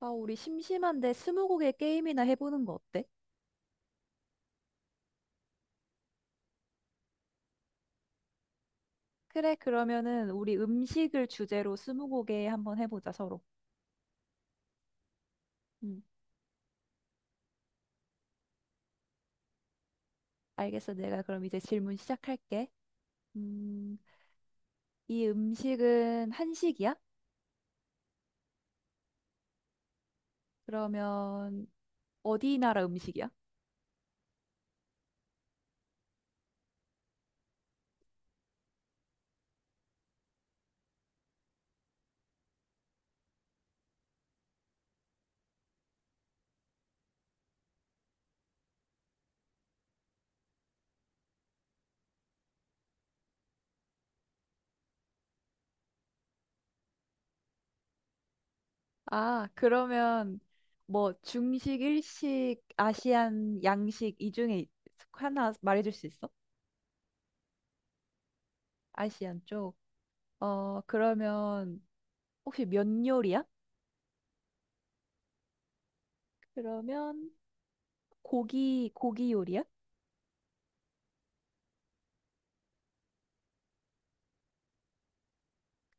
아, 우리 심심한데 스무고개 게임이나 해보는 거 어때? 그래, 그러면은 우리 음식을 주제로 스무고개 한번 해보자, 서로. 음, 알겠어. 내가 그럼 이제 질문 시작할게. 음, 이 음식은 한식이야? 그러면 어디 나라 음식이야? 아, 그러면 뭐 중식, 일식, 아시안, 양식 이 중에 하나 말해줄 수 있어? 아시안 쪽. 어, 그러면 혹시 면 요리야? 그러면 고기 요리야?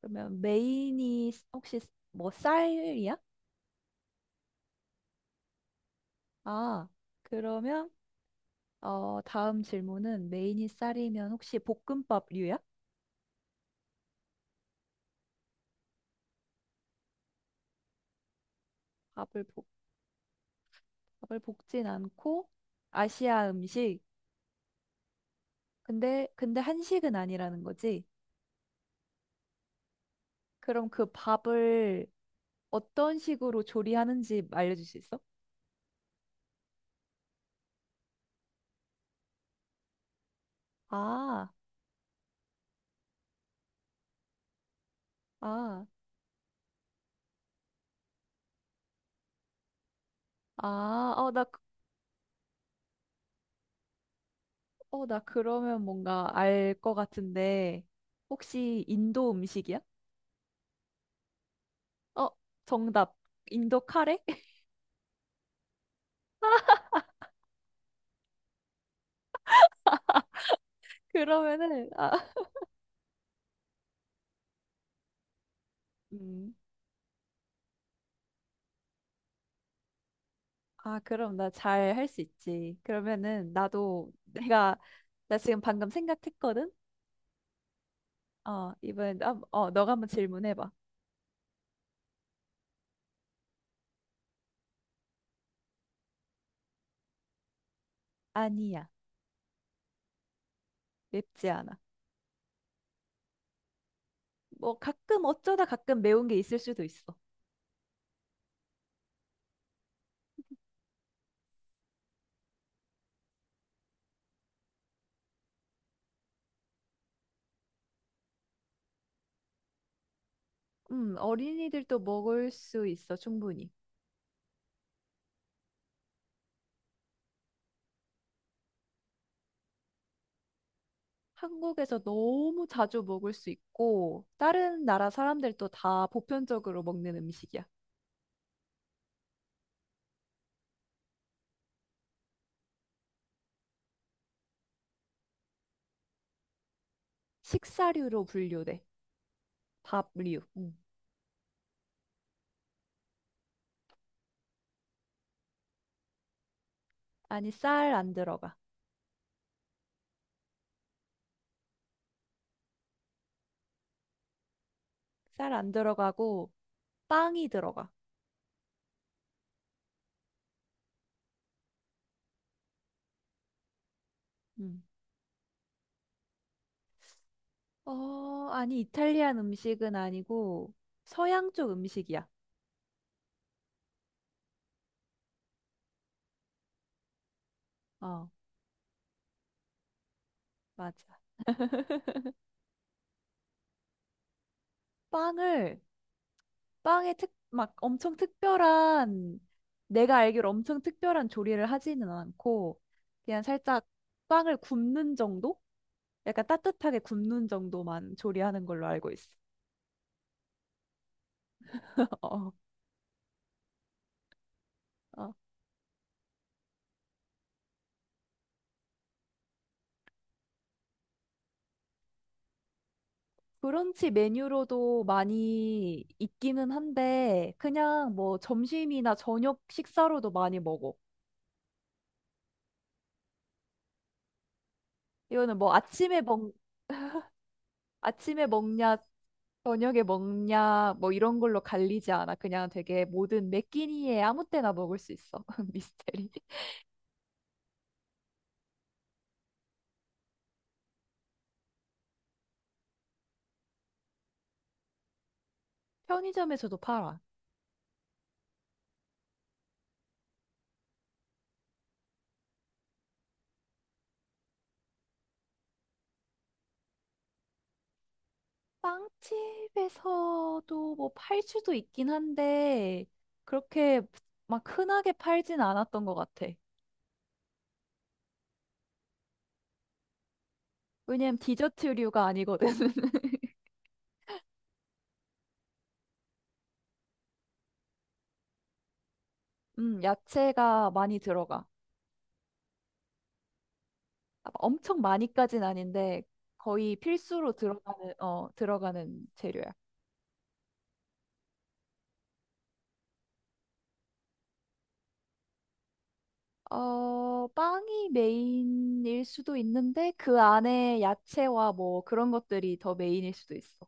그러면 메인이 뭐 쌀이야? 아, 그러면 다음 질문은 메인이 쌀이면 혹시 볶음밥류야? 밥을 볶 밥을 볶진 않고 아시아 음식. 근데 한식은 아니라는 거지. 그럼 그 밥을 어떤 식으로 조리하는지 알려줄 수 있어? 아, 아, 아, 어, 나, 그- 어, 나 그러면 뭔가 알 것 같은데, 혹시 인도 음식이야? 어, 정답. 인도 카레? 그러면은, 아, 음. 아, 그럼 나 잘 할 수 있지. 그러면은, 나 지금 방금 생각했거든? 너가 한번 질문해봐. 아니야. 맵지 않아. 뭐, 가끔 어쩌다 가끔 매운 게 있을 수도 있어. 어린이들도 먹을 수 있어, 충분히. 한국에서 너무 자주 먹을 수 있고, 다른 나라 사람들도 다 보편적으로 먹는 음식이야. 식사류로 분류돼. 밥류. 음. 아니, 쌀 안 들어가. 쌀 안 들어가고 빵이 들어가. 음. 어, 아니, 이탈리안 음식은 아니고 서양 쪽 음식이야. 어, 맞아. 빵을, 빵에 특, 막 엄청 특별한, 내가 알기로 엄청 특별한 조리를 하지는 않고, 그냥 살짝 빵을 굽는 정도? 약간 따뜻하게 굽는 정도만 조리하는 걸로 알고 있어. 어, 어. 브런치 메뉴로도 많이 있기는 한데 그냥 뭐 점심이나 저녁 식사로도 많이 먹어. 이거는 뭐 아침에 먹 아침에 먹냐 저녁에 먹냐 뭐 이런 걸로 갈리지 않아. 그냥 되게 모든 매끼니에 아무 때나 먹을 수 있어. 미스테리. 편의점에서도 팔아. 빵집에서도 뭐 팔 수도 있긴 한데 그렇게 막 흔하게 팔진 않았던 것 같아. 왜냐면 디저트류가 아니거든. 야채가 많이 들어가. 아, 엄청 많이까진 아닌데 거의 필수로 들어가는 재료야. 어, 빵이 메인일 수도 있는데 그 안에 야채와 뭐 그런 것들이 더 메인일 수도 있어.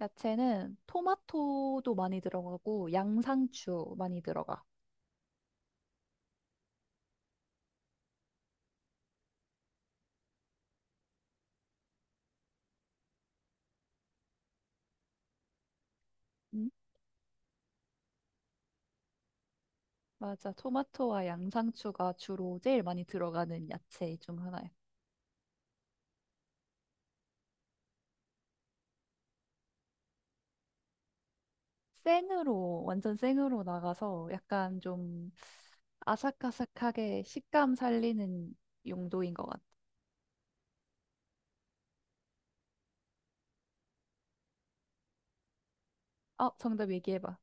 야채는 토마토도 많이 들어가고 양상추 많이 들어가. 음, 맞아. 토마토와 양상추가 주로 제일 많이 들어가는 야채 중 하나야. 생으로, 완전 생으로 나가서 약간 좀 아삭아삭하게 식감 살리는 용도인 것 같아. 어, 정답 얘기해봐.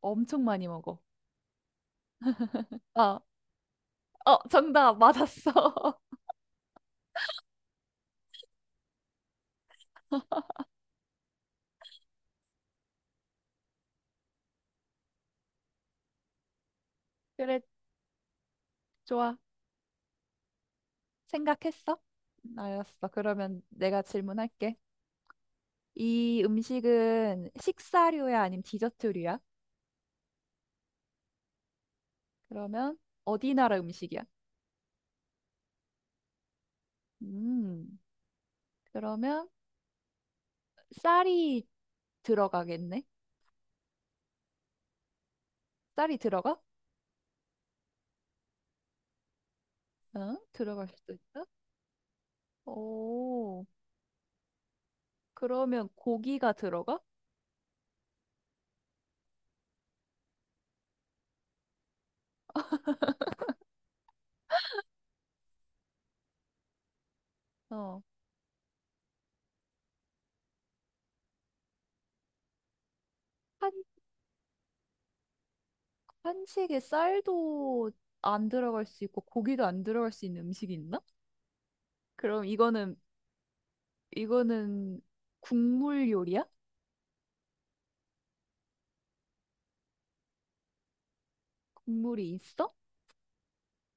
엄청 많이 먹어. 아, 어, 정답 맞았어. 그래, 좋아. 생각했어? 알았어. 그러면 내가 질문할게. 이 음식은 식사류야, 아니면 디저트류야? 그러면 어디 나라 음식이야? 음, 그러면 쌀이 들어가겠네? 쌀이 들어가? 들어갈 수도 있어. 오, 그러면 고기가 들어가? 어. 한, 한식에 쌀도 안 들어갈 수 있고 고기도 안 들어갈 수 있는 음식이 있나? 그럼 이거는, 이거는 국물 요리야? 국물이 있어?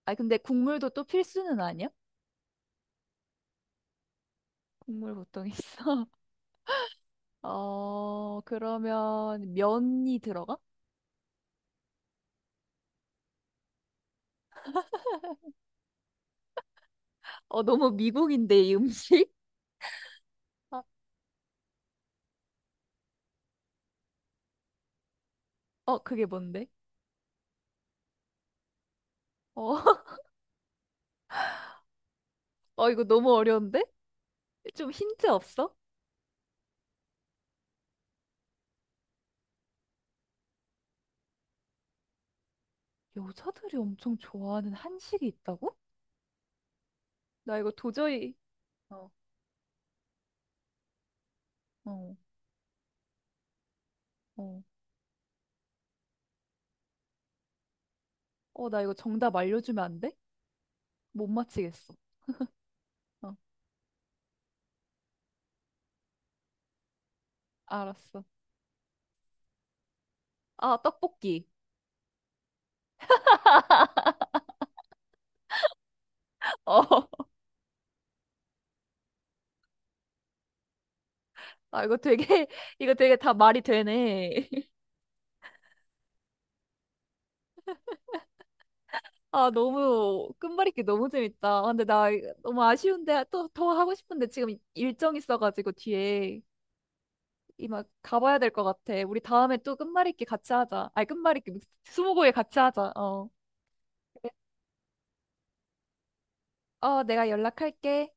아니, 근데 국물도 또 필수는 아니야? 국물 보통 있어? 어, 그러면 면이 들어가? 어, 너무 미국인데, 이 음식? 아, 어, 그게 뭔데? 어, 어, 이거 너무 어려운데? 좀 힌트 없어? 여자들이 엄청 좋아하는 한식이 있다고? 나 이거 도저히, 어, 어, 어. 어, 나 이거 정답 알려주면 안 돼? 못 맞히겠어. 어, 알았어. 아, 떡볶이. 어, 아, 이거 되게 다 말이 되네. 아, 너무, 끝말잇기 너무 재밌다. 아, 근데 나 이거 너무 아쉬운데, 또 더 하고 싶은데 지금 일정 있어가지고 뒤에 이만 가봐야 될 것 같아. 우리 다음에 또 끝말잇기 같이 하자. 아니, 끝말잇기, 스무고개 같이 하자. 어. 그래. 어, 내가 연락할게.